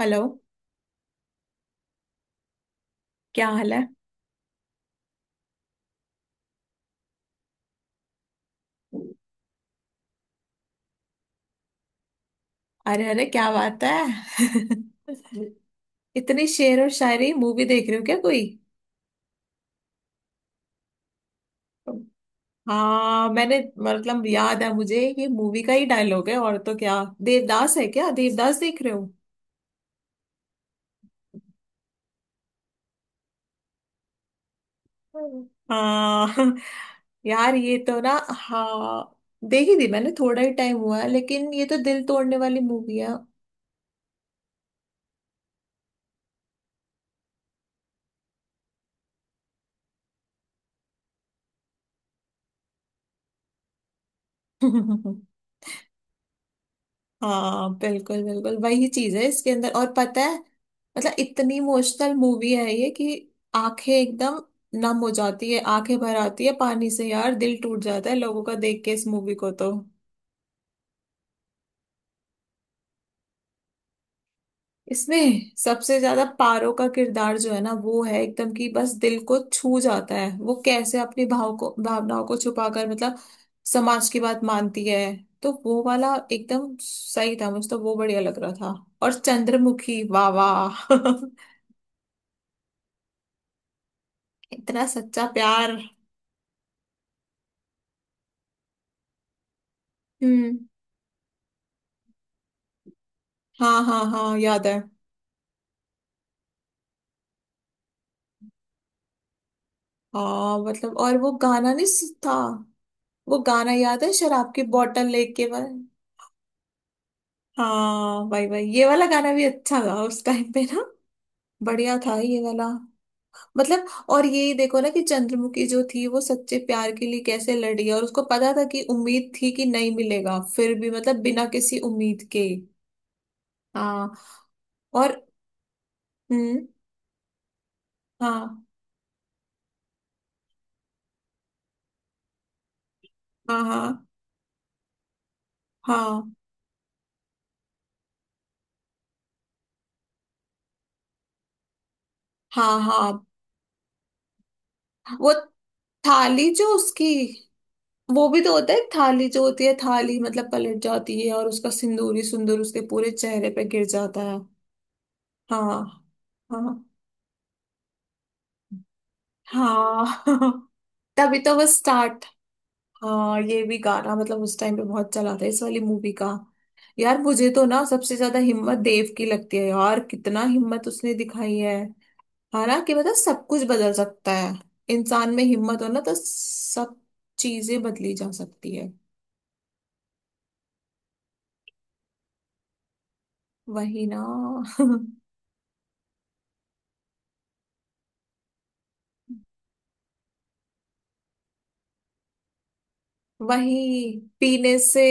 Hello. क्या हाल है? अरे अरे क्या बात है। इतनी शेर और शायरी मूवी देख रहे हो क्या कोई? हाँ मैंने। मतलब याद है मुझे, ये मूवी का ही डायलॉग है और तो क्या। देवदास है क्या? देवदास देख रहे हो? हाँ। यार ये तो ना। हाँ। देखी थी मैंने, थोड़ा ही टाइम हुआ है, लेकिन ये तो दिल तोड़ने वाली मूवी है। हाँ बिल्कुल बिल्कुल, वही चीज है इसके अंदर। और पता है, मतलब इतनी इमोशनल मूवी है ये कि आंखें एकदम नम हो जाती है, आंखें भर आती है पानी से, यार दिल टूट जाता है लोगों का देख के इस मूवी को तो। इसमें सबसे ज्यादा पारो का किरदार जो है ना वो है एकदम, कि बस दिल को छू जाता है, वो कैसे अपनी भाव को भावनाओं को छुपाकर मतलब समाज की बात मानती है। तो वो वाला एकदम सही था, मुझे तो वो बढ़िया लग रहा था। और चंद्रमुखी वाह वाह। इतना सच्चा प्यार। हम्म। हाँ हाँ हाँ याद है। हाँ मतलब, और वो गाना नहीं था। वो गाना याद है, शराब की बोतल लेके वाला। हाँ भाई भाई, ये वाला गाना भी अच्छा था उस टाइम पे ना। बढ़िया था ये वाला। मतलब, और ये देखो ना कि चंद्रमुखी जो थी वो सच्चे प्यार के लिए कैसे लड़ी, और उसको पता था कि उम्मीद थी कि नहीं मिलेगा, फिर भी मतलब बिना किसी उम्मीद के। हाँ। और। हम्म। हाँ हाँ हाँ हाँ हाँ हाँ। वो थाली जो उसकी, वो भी तो होता है, थाली जो होती है, थाली मतलब पलट जाती है और उसका सिंदूरी सुंदूर उसके पूरे चेहरे पे गिर जाता है। हाँ हाँ हाँ। तभी तो वो स्टार्ट। हाँ ये भी गाना, मतलब उस टाइम पे बहुत चला था इस वाली मूवी का। यार मुझे तो ना सबसे ज्यादा हिम्मत देव की लगती है, यार कितना हिम्मत उसने दिखाई है। हालांकि मतलब सब कुछ बदल सकता है, इंसान में हिम्मत हो ना तो सब चीजें बदली जा सकती है। वही ना। वही पीने से।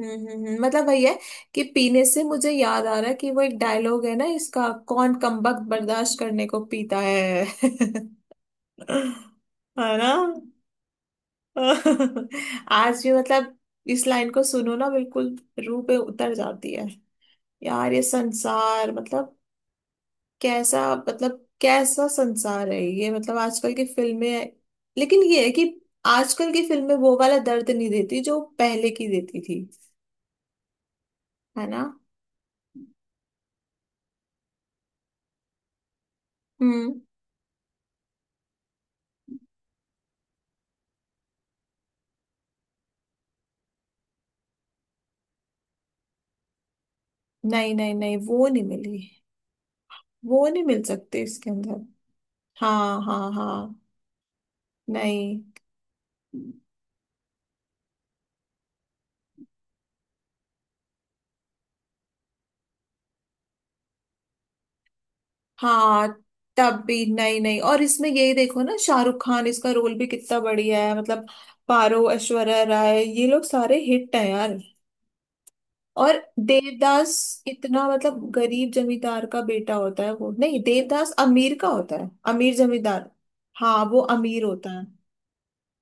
मतलब वही है कि पीने से मुझे याद आ रहा है कि वो एक डायलॉग है ना इसका, कौन कमबख्त बर्दाश्त करने को पीता है। है ना। आज भी मतलब इस लाइन को सुनो ना, बिल्कुल रूह पे उतर जाती है। यार ये संसार, मतलब कैसा, मतलब कैसा संसार है ये, मतलब आजकल की फिल्में। लेकिन ये है कि आजकल की फिल्में वो वाला दर्द नहीं देती जो पहले की देती थी। है ना। हम्म। नहीं नहीं नहीं वो नहीं मिली। वो नहीं मिल सकते इसके अंदर। हाँ हाँ हाँ। नहीं। हाँ तब भी नहीं नहीं। और इसमें यही देखो ना, शाहरुख खान इसका रोल भी कितना बढ़िया है मतलब। पारो, ऐश्वर्या राय, ये लोग सारे हिट हैं यार। और देवदास, इतना मतलब गरीब जमींदार का बेटा होता है वो, नहीं देवदास अमीर का होता है, अमीर जमींदार। हाँ वो अमीर होता है।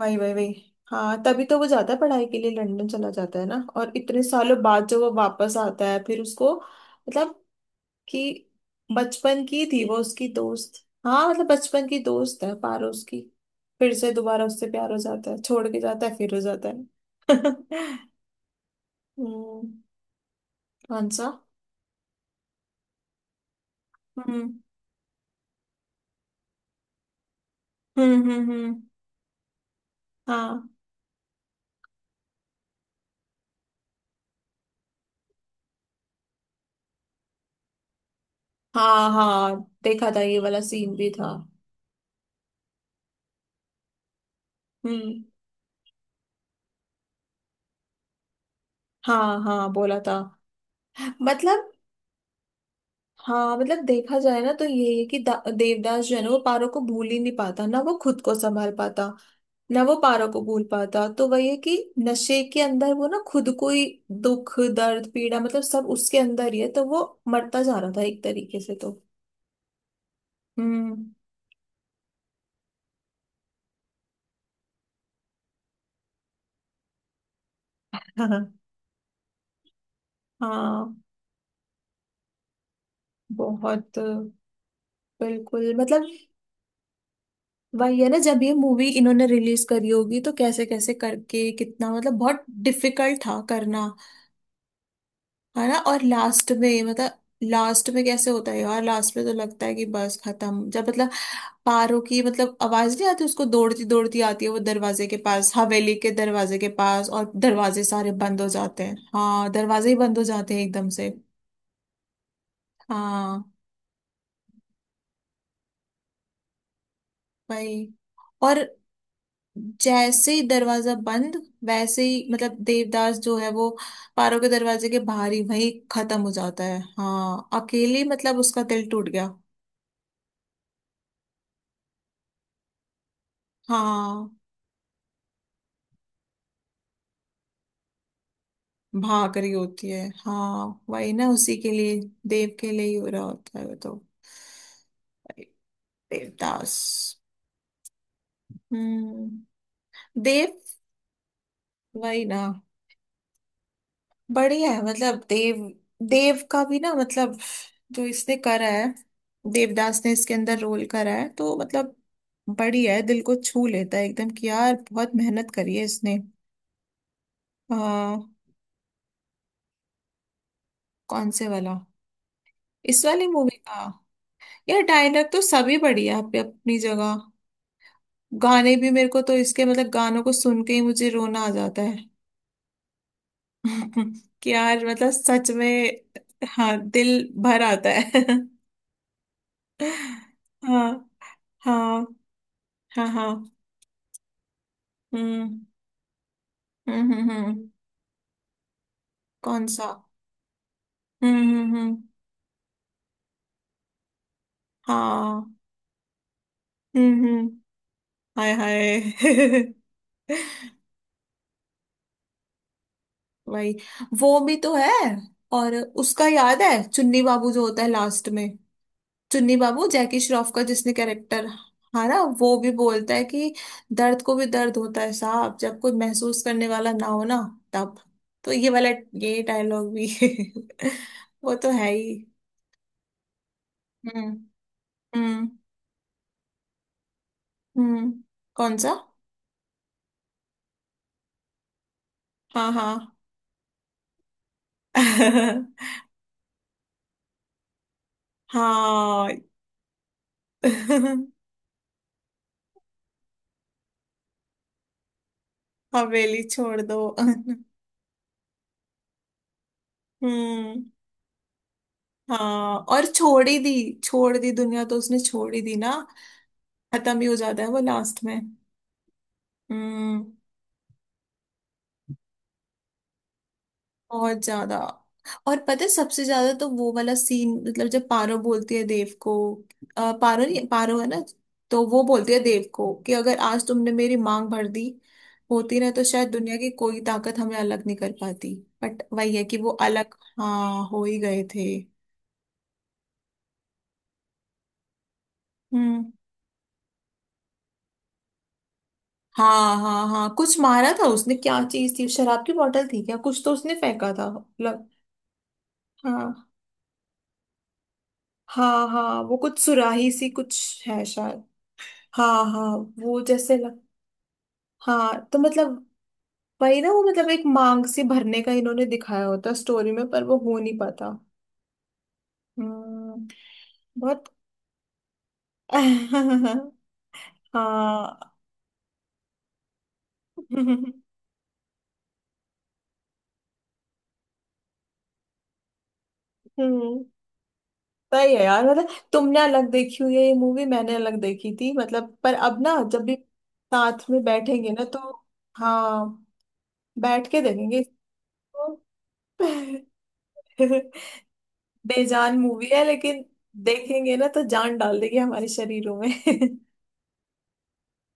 वही वही वही। हाँ तभी तो वो जाता है पढ़ाई के लिए, लंदन चला जाता है ना, और इतने सालों बाद जो वो वापस आता है फिर उसको मतलब कि बचपन की थी वो उसकी दोस्त, हाँ मतलब बचपन की दोस्त है पारो उसकी, फिर से दोबारा उससे प्यार हो जाता है, छोड़ के जाता है फिर हो जाता है। हम्म। कौन सा? हम्म हम्म। हाँ हाँ हाँ देखा था, ये वाला सीन भी था। हम्म। हाँ हाँ बोला था। मतलब, हाँ मतलब देखा जाए ना तो यही है कि देवदास जो है ना वो पारो को भूल ही नहीं पाता ना, वो खुद को संभाल पाता ना, वो पारो को भूल पाता, तो वही है कि नशे के अंदर वो ना खुद को ही, दुख दर्द पीड़ा मतलब सब उसके अंदर ही है, तो वो मरता जा रहा था एक तरीके से तो। हम्म। हाँ हाँ। बहुत, बिल्कुल मतलब। वही है ना, जब ये मूवी इन्होंने रिलीज करी होगी तो कैसे कैसे करके, कितना मतलब बहुत डिफिकल्ट था करना। है ना। और लास्ट में मतलब, लास्ट में कैसे होता है यार, लास्ट में तो लगता है कि बस खत्म, जब मतलब पारो की मतलब आवाज नहीं आती, उसको दौड़ती दौड़ती आती है वो दरवाजे के पास, हवेली के दरवाजे के पास, और दरवाजे सारे बंद हो जाते हैं, हाँ दरवाजे ही बंद हो जाते हैं एकदम से। हाँ भाई। और जैसे ही दरवाजा बंद वैसे ही मतलब देवदास जो है वो पारो के दरवाजे के बाहर ही वहीं खत्म हो जाता है, हाँ अकेली, मतलब उसका दिल टूट गया। हाँ भाग रही होती है, हाँ वही ना उसी के लिए, देव के लिए ही हो रहा होता है वो तो। देवदास। हम्म। देव। वही ना। बढ़िया है मतलब देव। देव का भी ना मतलब, जो इसने करा है, देवदास ने इसके अंदर रोल करा है तो मतलब बढ़िया है, दिल को छू लेता है एकदम कि यार बहुत मेहनत करी है इसने। आ, कौन से वाला? इस वाली मूवी का? यार डायलॉग तो सभी बढ़िया है अपनी अपनी जगह। गाने भी, मेरे को तो इसके मतलब गानों को सुन के ही मुझे रोना आ जाता है। कि यार मतलब, सच में। हाँ दिल भर आता है। हाँ हाँ हाँ हाँ। हम्म हम्म। कौन सा? हम्म। हाँ। हम्म। हाय हाय। वही। वो भी तो है। और उसका याद है, चुन्नी बाबू जो होता है लास्ट में, चुन्नी बाबू जैकी श्रॉफ का जिसने कैरेक्टर हारा, वो भी बोलता है कि दर्द को भी दर्द होता है साहब जब कोई महसूस करने वाला ना हो ना, तब, तो ये वाला, ये डायलॉग भी। वो तो है ही। हम्म हम्म हम्म। कौन सा? हाँ हाँ। हाँ। हवेली छोड़ दो। हम्म। हाँ और छोड़ ही दी, छोड़ दी दुनिया तो उसने, छोड़ ही दी ना, खत्म ही हो जाता है वो लास्ट में। हम्म। बहुत ज्यादा। और पता है, सबसे ज्यादा तो वो वाला सीन, मतलब जब पारो बोलती है देव को, पारो नहीं, पारो है ना, तो वो बोलती है देव को कि अगर आज तुमने मेरी मांग भर दी होती ना तो शायद दुनिया की कोई ताकत हमें अलग नहीं कर पाती। बट वही है कि वो अलग। हाँ हो ही गए थे। हम्म। हाँ हाँ हाँ कुछ मारा था उसने, क्या चीज थी, शराब की बोतल थी क्या, कुछ तो उसने फेंका था मतलब। हाँ हाँ हाँ वो कुछ सुराही सी कुछ है शायद। हाँ हाँ। वो जैसे। हाँ तो मतलब वही ना, वो मतलब एक मांग सी भरने का इन्होंने दिखाया होता स्टोरी में पर वो हो नहीं पाता। हम्म। बहुत। हाँ। हम्म। सही है यार, मतलब तुमने अलग देखी हुई है ये मूवी, मैंने अलग देखी थी मतलब, पर अब ना जब भी साथ में बैठेंगे ना तो। हाँ। बैठ के देखेंगे इसको। बेजान मूवी है, लेकिन देखेंगे ना तो जान डाल देगी हमारे शरीरों में।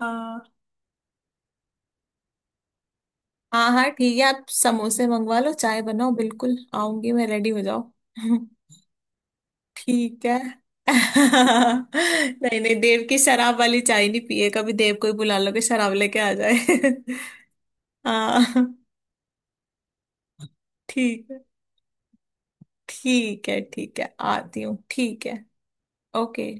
हाँ हाँ हाँ ठीक है, आप समोसे मंगवा लो, चाय बनाओ, बिल्कुल आऊंगी मैं, रेडी हो जाओ। ठीक है। नहीं नहीं देव की शराब वाली चाय नहीं पिए कभी, देव को ही बुला लो कि शराब लेके आ जाए। हाँ ठीक है, ठीक है, ठीक है आती हूँ, ठीक है। ओके।